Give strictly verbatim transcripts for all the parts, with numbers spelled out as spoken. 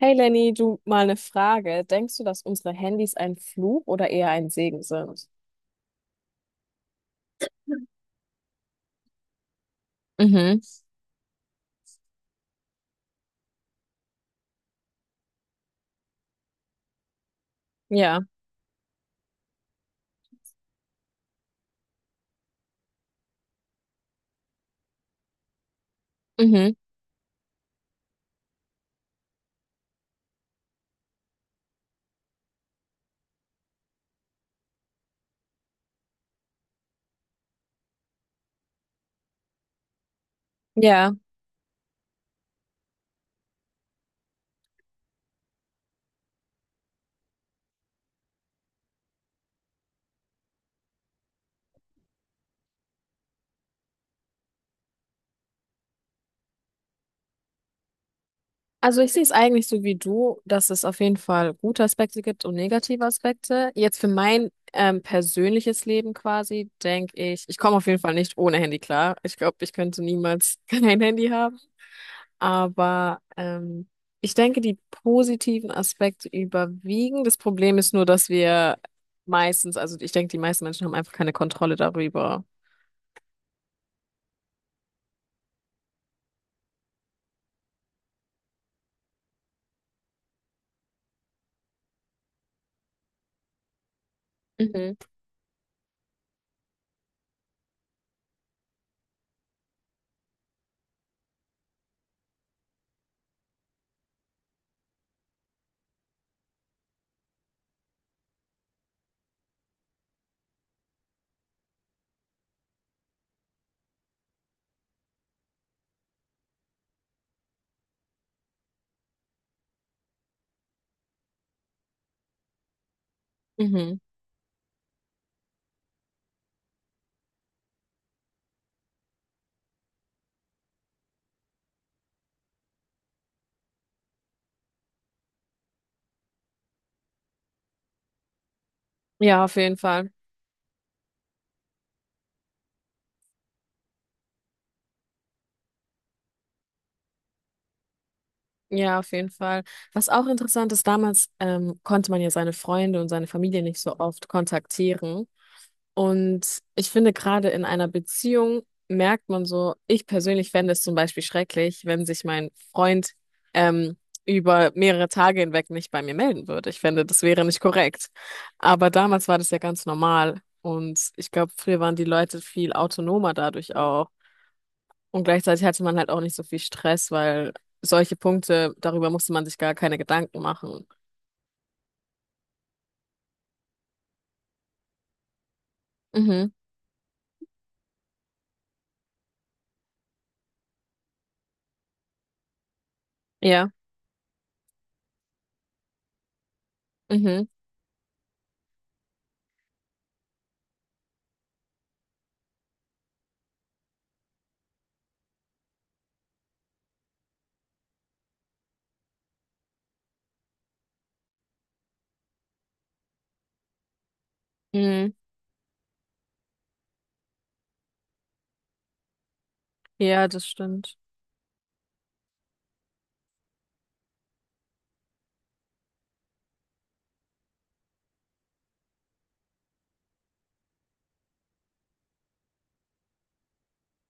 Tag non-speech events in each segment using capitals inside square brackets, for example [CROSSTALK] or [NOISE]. Hey Lenny, du mal eine Frage. Denkst du, dass unsere Handys ein Fluch oder eher ein Segen sind? Mhm, ja, mhm, ja. Also ich sehe es eigentlich so wie du, dass es auf jeden Fall gute Aspekte gibt und negative Aspekte. Jetzt für mein ähm, persönliches Leben quasi, denke ich, ich komme auf jeden Fall nicht ohne Handy klar. Ich glaube, ich könnte niemals [LAUGHS] kein Handy haben. Aber ähm, ich denke, die positiven Aspekte überwiegen. Das Problem ist nur, dass wir meistens, also ich denke, die meisten Menschen haben einfach keine Kontrolle darüber. Mhm. Mhm. Ja, auf jeden Fall. Ja, auf jeden Fall. Was auch interessant ist, damals ähm, konnte man ja seine Freunde und seine Familie nicht so oft kontaktieren. Und ich finde, gerade in einer Beziehung merkt man so, ich persönlich fände es zum Beispiel schrecklich, wenn sich mein Freund ähm, über mehrere Tage hinweg nicht bei mir melden würde. Ich fände, das wäre nicht korrekt. Aber damals war das ja ganz normal. Und ich glaube, früher waren die Leute viel autonomer dadurch auch. Und gleichzeitig hatte man halt auch nicht so viel Stress, weil solche Punkte, darüber musste man sich gar keine Gedanken machen. Mhm. Ja. Mhm. Mhm. Ja, das stimmt.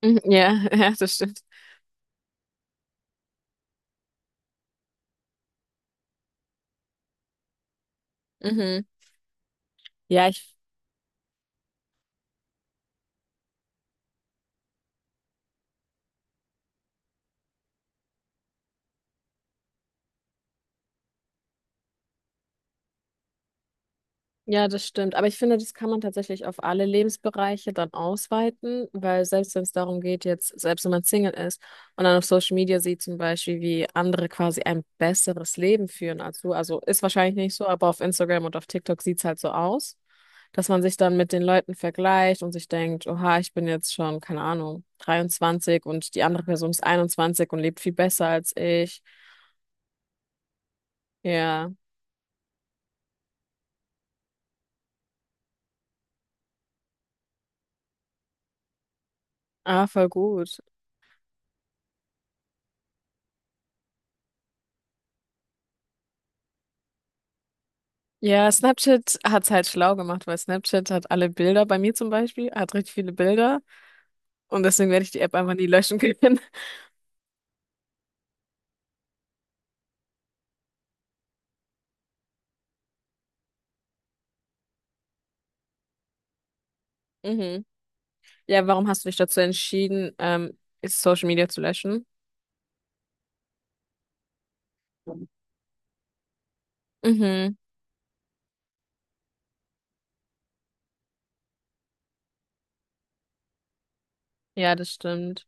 Mhm. Ja, [LAUGHS] ja, das stimmt. Mhm. Ja, ich, ja, das stimmt. Aber ich finde, das kann man tatsächlich auf alle Lebensbereiche dann ausweiten, weil selbst wenn es darum geht, jetzt, selbst wenn man Single ist und dann auf Social Media sieht zum Beispiel, wie andere quasi ein besseres Leben führen als du, also ist wahrscheinlich nicht so, aber auf Instagram und auf TikTok sieht's halt so aus, dass man sich dann mit den Leuten vergleicht und sich denkt, oha, ich bin jetzt schon, keine Ahnung, dreiundzwanzig und die andere Person ist einundzwanzig und lebt viel besser als ich. Ja, ah, voll gut. Ja, Snapchat hat's halt schlau gemacht, weil Snapchat hat alle Bilder, bei mir zum Beispiel, hat richtig viele Bilder und deswegen werde ich die App einfach nie löschen können. [LAUGHS] Mhm. Ja, warum hast du dich dazu entschieden, ähm, Social Media zu löschen? Mhm. Ja, das stimmt.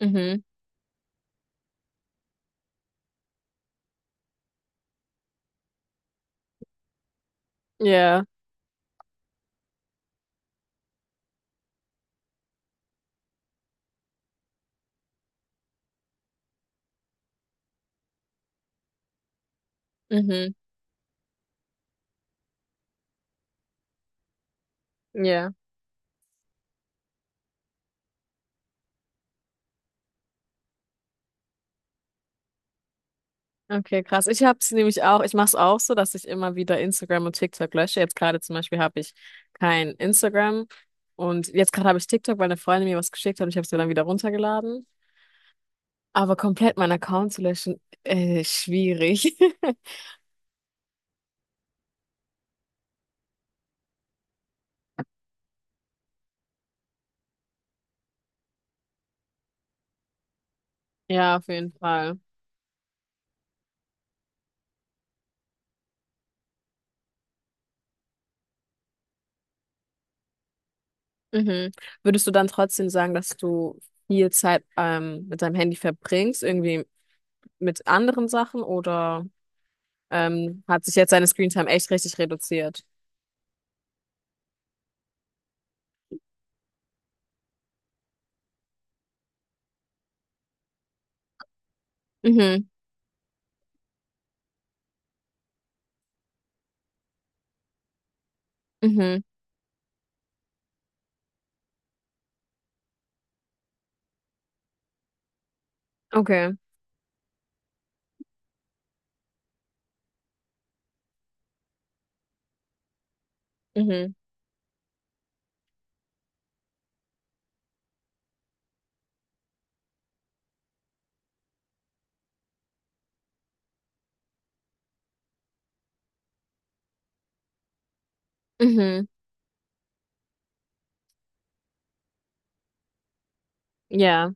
Mhm. Ja. Mhm. Ja. Okay, krass. Ich hab's nämlich auch, ich mach's auch so, dass ich immer wieder Instagram und TikTok lösche. Jetzt gerade zum Beispiel habe ich kein Instagram und jetzt gerade habe ich TikTok, weil eine Freundin mir was geschickt hat und ich habe es mir dann wieder runtergeladen. Aber komplett meinen Account zu löschen, äh, schwierig. [LAUGHS] Ja, auf jeden Fall. Mhm. Würdest du dann trotzdem sagen, dass du viel Zeit ähm, mit deinem Handy verbringst, irgendwie mit anderen Sachen oder ähm, hat sich jetzt deine Screentime echt richtig reduziert? Mhm, mhm, okay, mhm, mhm, ja,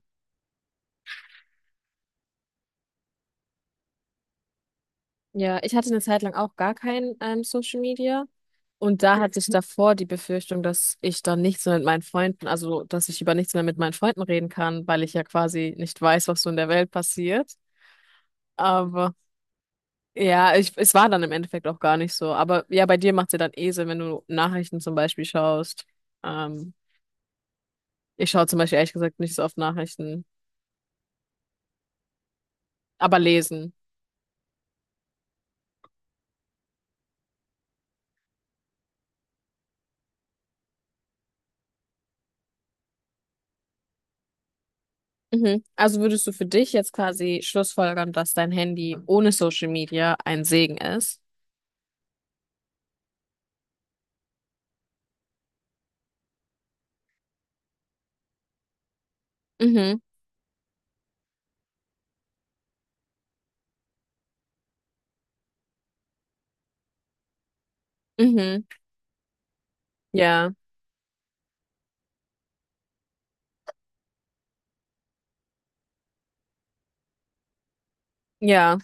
ja. Ich hatte eine Zeit lang auch gar kein ähm, Social Media. Und da hatte ich davor die Befürchtung, dass ich dann nichts mehr mit meinen Freunden, also dass ich über nichts mehr mit meinen Freunden reden kann, weil ich ja quasi nicht weiß, was so in der Welt passiert. Aber ja, ich, es war dann im Endeffekt auch gar nicht so. Aber ja, bei dir macht es ja dann eh Sinn, wenn du Nachrichten zum Beispiel schaust. Ähm, ich schaue zum Beispiel ehrlich gesagt nicht so oft Nachrichten, aber lesen. Mhm. Also würdest du für dich jetzt quasi schlussfolgern, dass dein Handy ohne Social Media ein Segen ist? Mhm, mhm, ja, ja.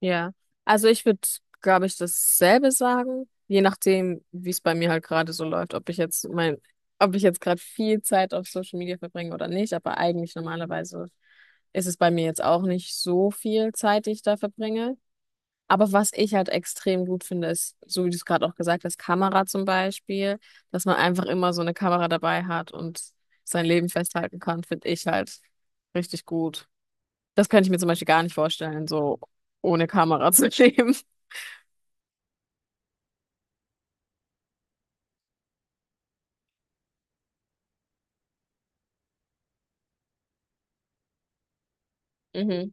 Ja, also ich würde, glaube ich, dasselbe sagen, je nachdem, wie es bei mir halt gerade so läuft, ob ich jetzt mein, ob ich jetzt gerade viel Zeit auf Social Media verbringe oder nicht, aber eigentlich normalerweise ist es bei mir jetzt auch nicht so viel Zeit, die ich da verbringe. Aber was ich halt extrem gut finde, ist, so wie du es gerade auch gesagt hast, Kamera zum Beispiel, dass man einfach immer so eine Kamera dabei hat und sein Leben festhalten kann, finde ich halt richtig gut. Das könnte ich mir zum Beispiel gar nicht vorstellen, so ohne Kamera zu leben. [LAUGHS] Mhm.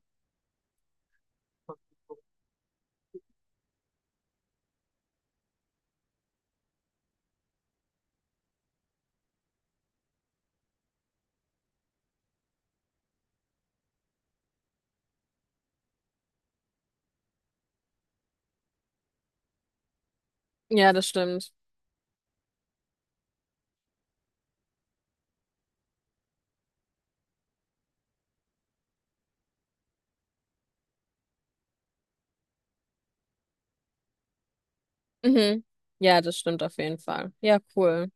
Ja, das stimmt. Mhm. Ja, das stimmt auf jeden Fall. Ja, cool.